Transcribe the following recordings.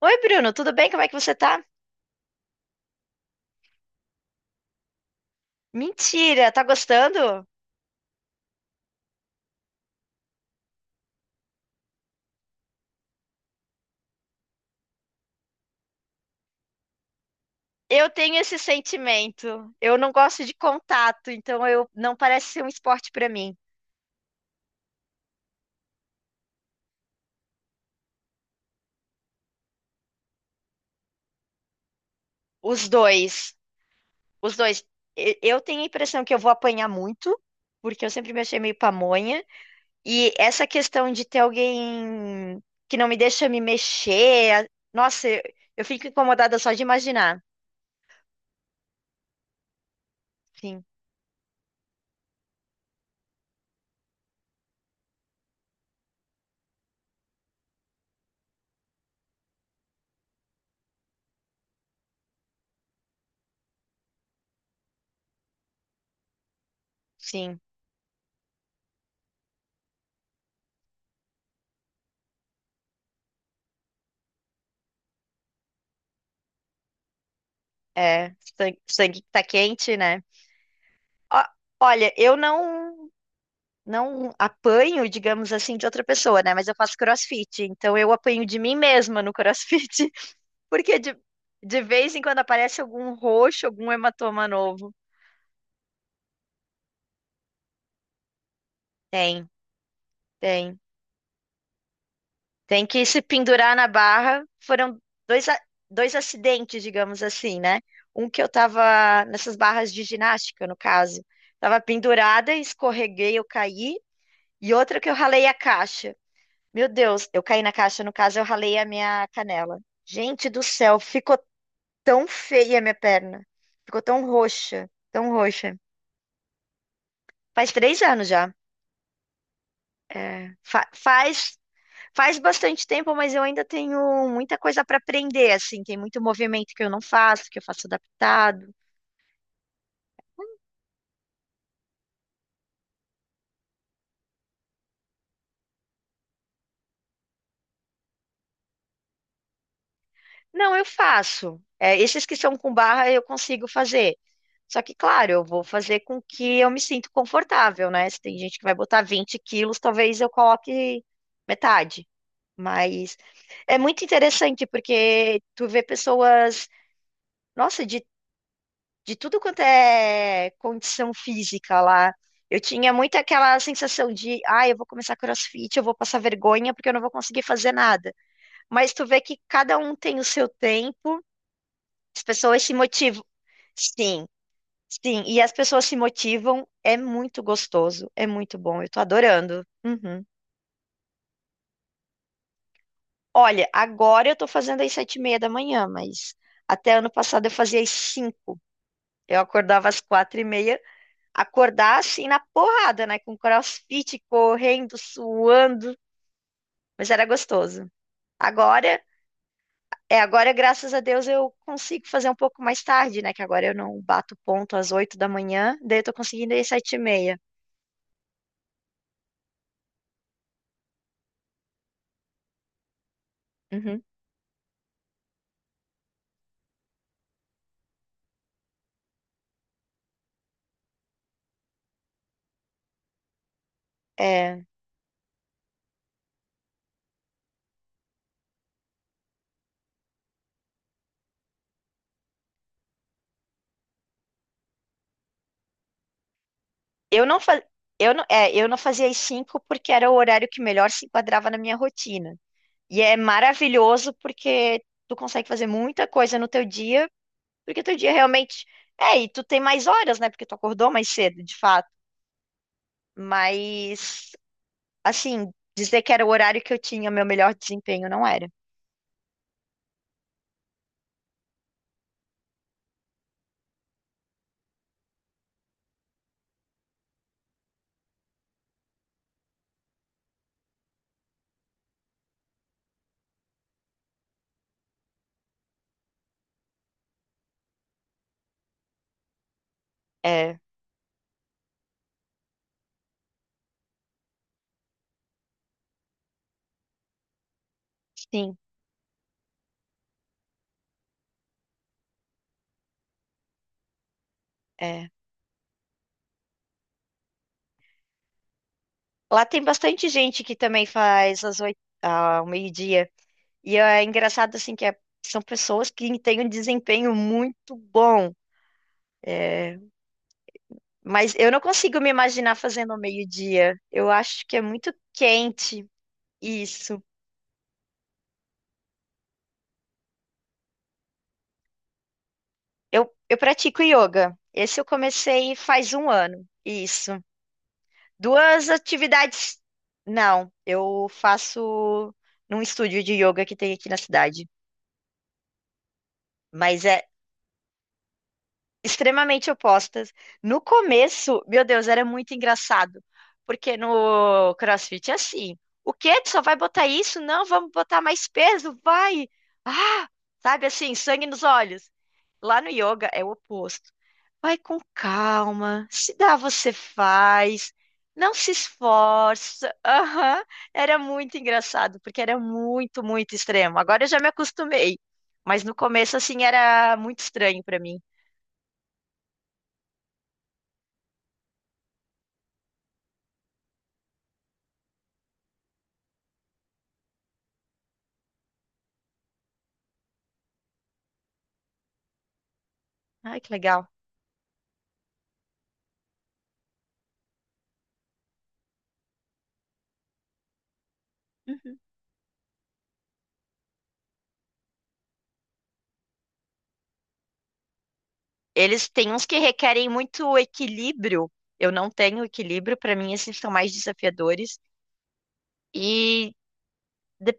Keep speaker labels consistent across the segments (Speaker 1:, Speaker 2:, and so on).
Speaker 1: Oi, Bruno, tudo bem? Como é que você tá? Mentira, tá gostando? Eu tenho esse sentimento. Eu não gosto de contato, então eu não parece ser um esporte pra mim. Os dois, os dois. Eu tenho a impressão que eu vou apanhar muito, porque eu sempre me achei meio pamonha. E essa questão de ter alguém que não me deixa me mexer, nossa, eu fico incomodada só de imaginar. Sim, sim, é. Sangue, sangue que tá quente, né? Ó, olha, eu não. não apanho, digamos assim, de outra pessoa, né? Mas eu faço CrossFit, então eu apanho de mim mesma no CrossFit, porque de vez em quando aparece algum roxo, algum hematoma novo. Tem, tem. Tem que se pendurar na barra. Foram dois, a- dois acidentes, digamos assim, né? Um que eu tava nessas barras de ginástica, no caso. Tava pendurada, escorreguei, eu caí. E outra que eu ralei a caixa. Meu Deus, eu caí na caixa, no caso eu ralei a minha canela. Gente do céu, ficou tão feia a minha perna. Ficou tão roxa, tão roxa. Faz 3 anos já. É, faz bastante tempo, mas eu ainda tenho muita coisa para aprender, assim. Tem muito movimento que eu não faço, que eu faço adaptado. Não, eu faço. É, esses que são com barra eu consigo fazer. Só que, claro, eu vou fazer com que eu me sinto confortável, né? Se tem gente que vai botar 20 quilos, talvez eu coloque metade. Mas é muito interessante porque tu vê pessoas, nossa, de tudo quanto é condição física lá. Eu tinha muito aquela sensação de, ah, eu vou começar CrossFit, eu vou passar vergonha porque eu não vou conseguir fazer nada. Mas tu vê que cada um tem o seu tempo, as pessoas se motivam. Sim, sim, e as pessoas se motivam, é muito gostoso, é muito bom, eu tô adorando. Uhum. Olha, agora eu tô fazendo às 7h30 da manhã, mas até ano passado eu fazia às 5h. Eu acordava às 4h30, acordar assim na porrada, né? Com CrossFit, correndo, suando, mas era gostoso. Agora, agora, graças a Deus eu consigo fazer um pouco mais tarde, né? Que agora eu não bato ponto às 8h da manhã, daí eu tô conseguindo ir às 7h30. Uhum. É, eu não fa... eu não, é, eu não fazia às 5h porque era o horário que melhor se enquadrava na minha rotina. E é maravilhoso porque tu consegue fazer muita coisa no teu dia, porque teu dia realmente e tu tem mais horas, né? Porque tu acordou mais cedo, de fato. Mas, assim, dizer que era o horário que eu tinha meu melhor desempenho não era. É, sim, é. Lá tem bastante gente que também faz às 8h, ao meio-dia. E é engraçado, assim, são pessoas que têm um desempenho muito bom. É, mas eu não consigo me imaginar fazendo ao meio-dia. Eu acho que é muito quente isso. Eu pratico yoga. Esse eu comecei faz um ano. Isso. Duas atividades. Não, eu faço num estúdio de yoga que tem aqui na cidade. Mas é, extremamente opostas. No começo, meu Deus, era muito engraçado, porque no CrossFit é assim. O quê? Tu só vai botar isso? Não, vamos botar mais peso, vai! Ah, sabe assim, sangue nos olhos. Lá no yoga é o oposto. Vai com calma, se dá, você faz, não se esforça. Aham. Era muito engraçado, porque era muito, muito extremo. Agora eu já me acostumei, mas no começo, assim, era muito estranho para mim. Ai, que legal. Uhum. Eles têm uns que requerem muito equilíbrio. Eu não tenho equilíbrio, para mim, esses são mais desafiadores. E de-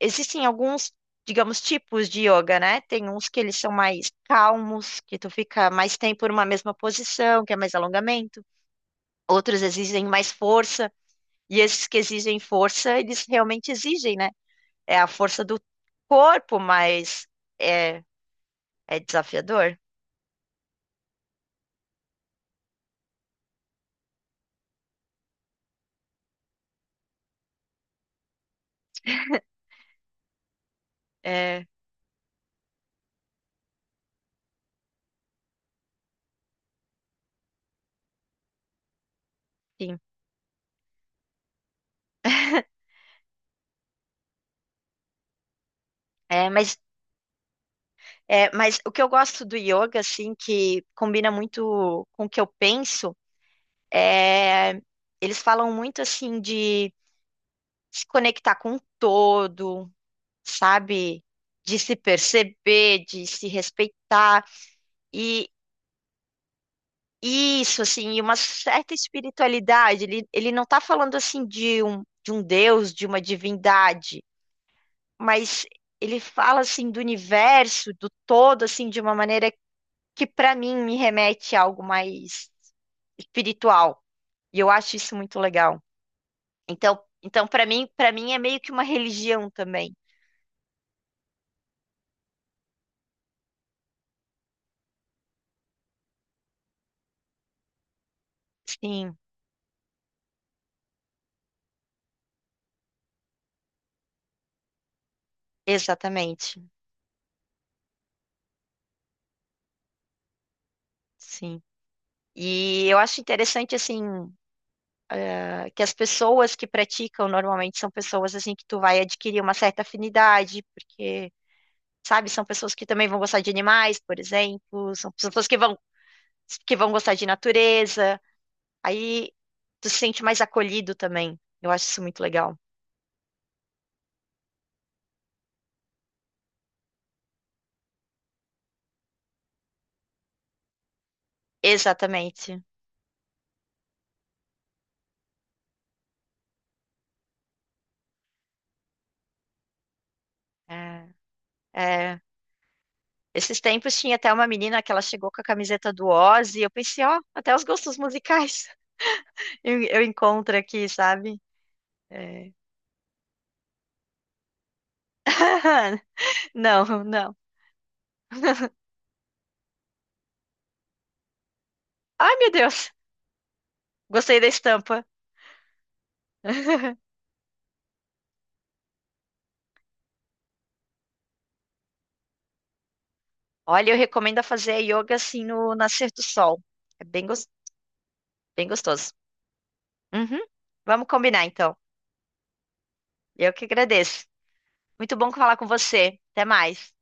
Speaker 1: existem alguns, digamos, tipos de yoga, né? Tem uns que eles são mais calmos, que tu fica mais tempo numa mesma posição, que é mais alongamento. Outros exigem mais força, e esses que exigem força, eles realmente exigem, né? É a força do corpo, mas é, é desafiador. É, sim. É, mas, mas o que eu gosto do yoga, assim, que combina muito com o que eu penso, é, eles falam muito, assim, de se conectar com o todo, sabe? De se perceber, de se respeitar. E isso, assim, e uma certa espiritualidade. Ele não está falando, assim, de um Deus, de uma divindade, mas ele fala, assim, do universo, do todo, assim, de uma maneira que, para mim, me remete a algo mais espiritual. E eu acho isso muito legal. Então, para mim, é meio que uma religião também. Sim, exatamente. Sim. E eu acho interessante assim que as pessoas que praticam normalmente são pessoas assim que tu vai adquirir uma certa afinidade, porque sabe, são pessoas que também vão gostar de animais, por exemplo, são pessoas que vão gostar de natureza. Aí tu se sente mais acolhido também. Eu acho isso muito legal. Exatamente. É, é. Esses tempos tinha até uma menina que ela chegou com a camiseta do Oz e eu pensei, ó, até os gostos musicais eu encontro aqui, sabe? É. Não, não. Ai, meu Deus. Gostei da estampa. Olha, eu recomendo fazer a yoga assim no nascer do sol. É bem, bem gostoso. Uhum. Vamos combinar, então. Eu que agradeço. Muito bom falar com você. Até mais.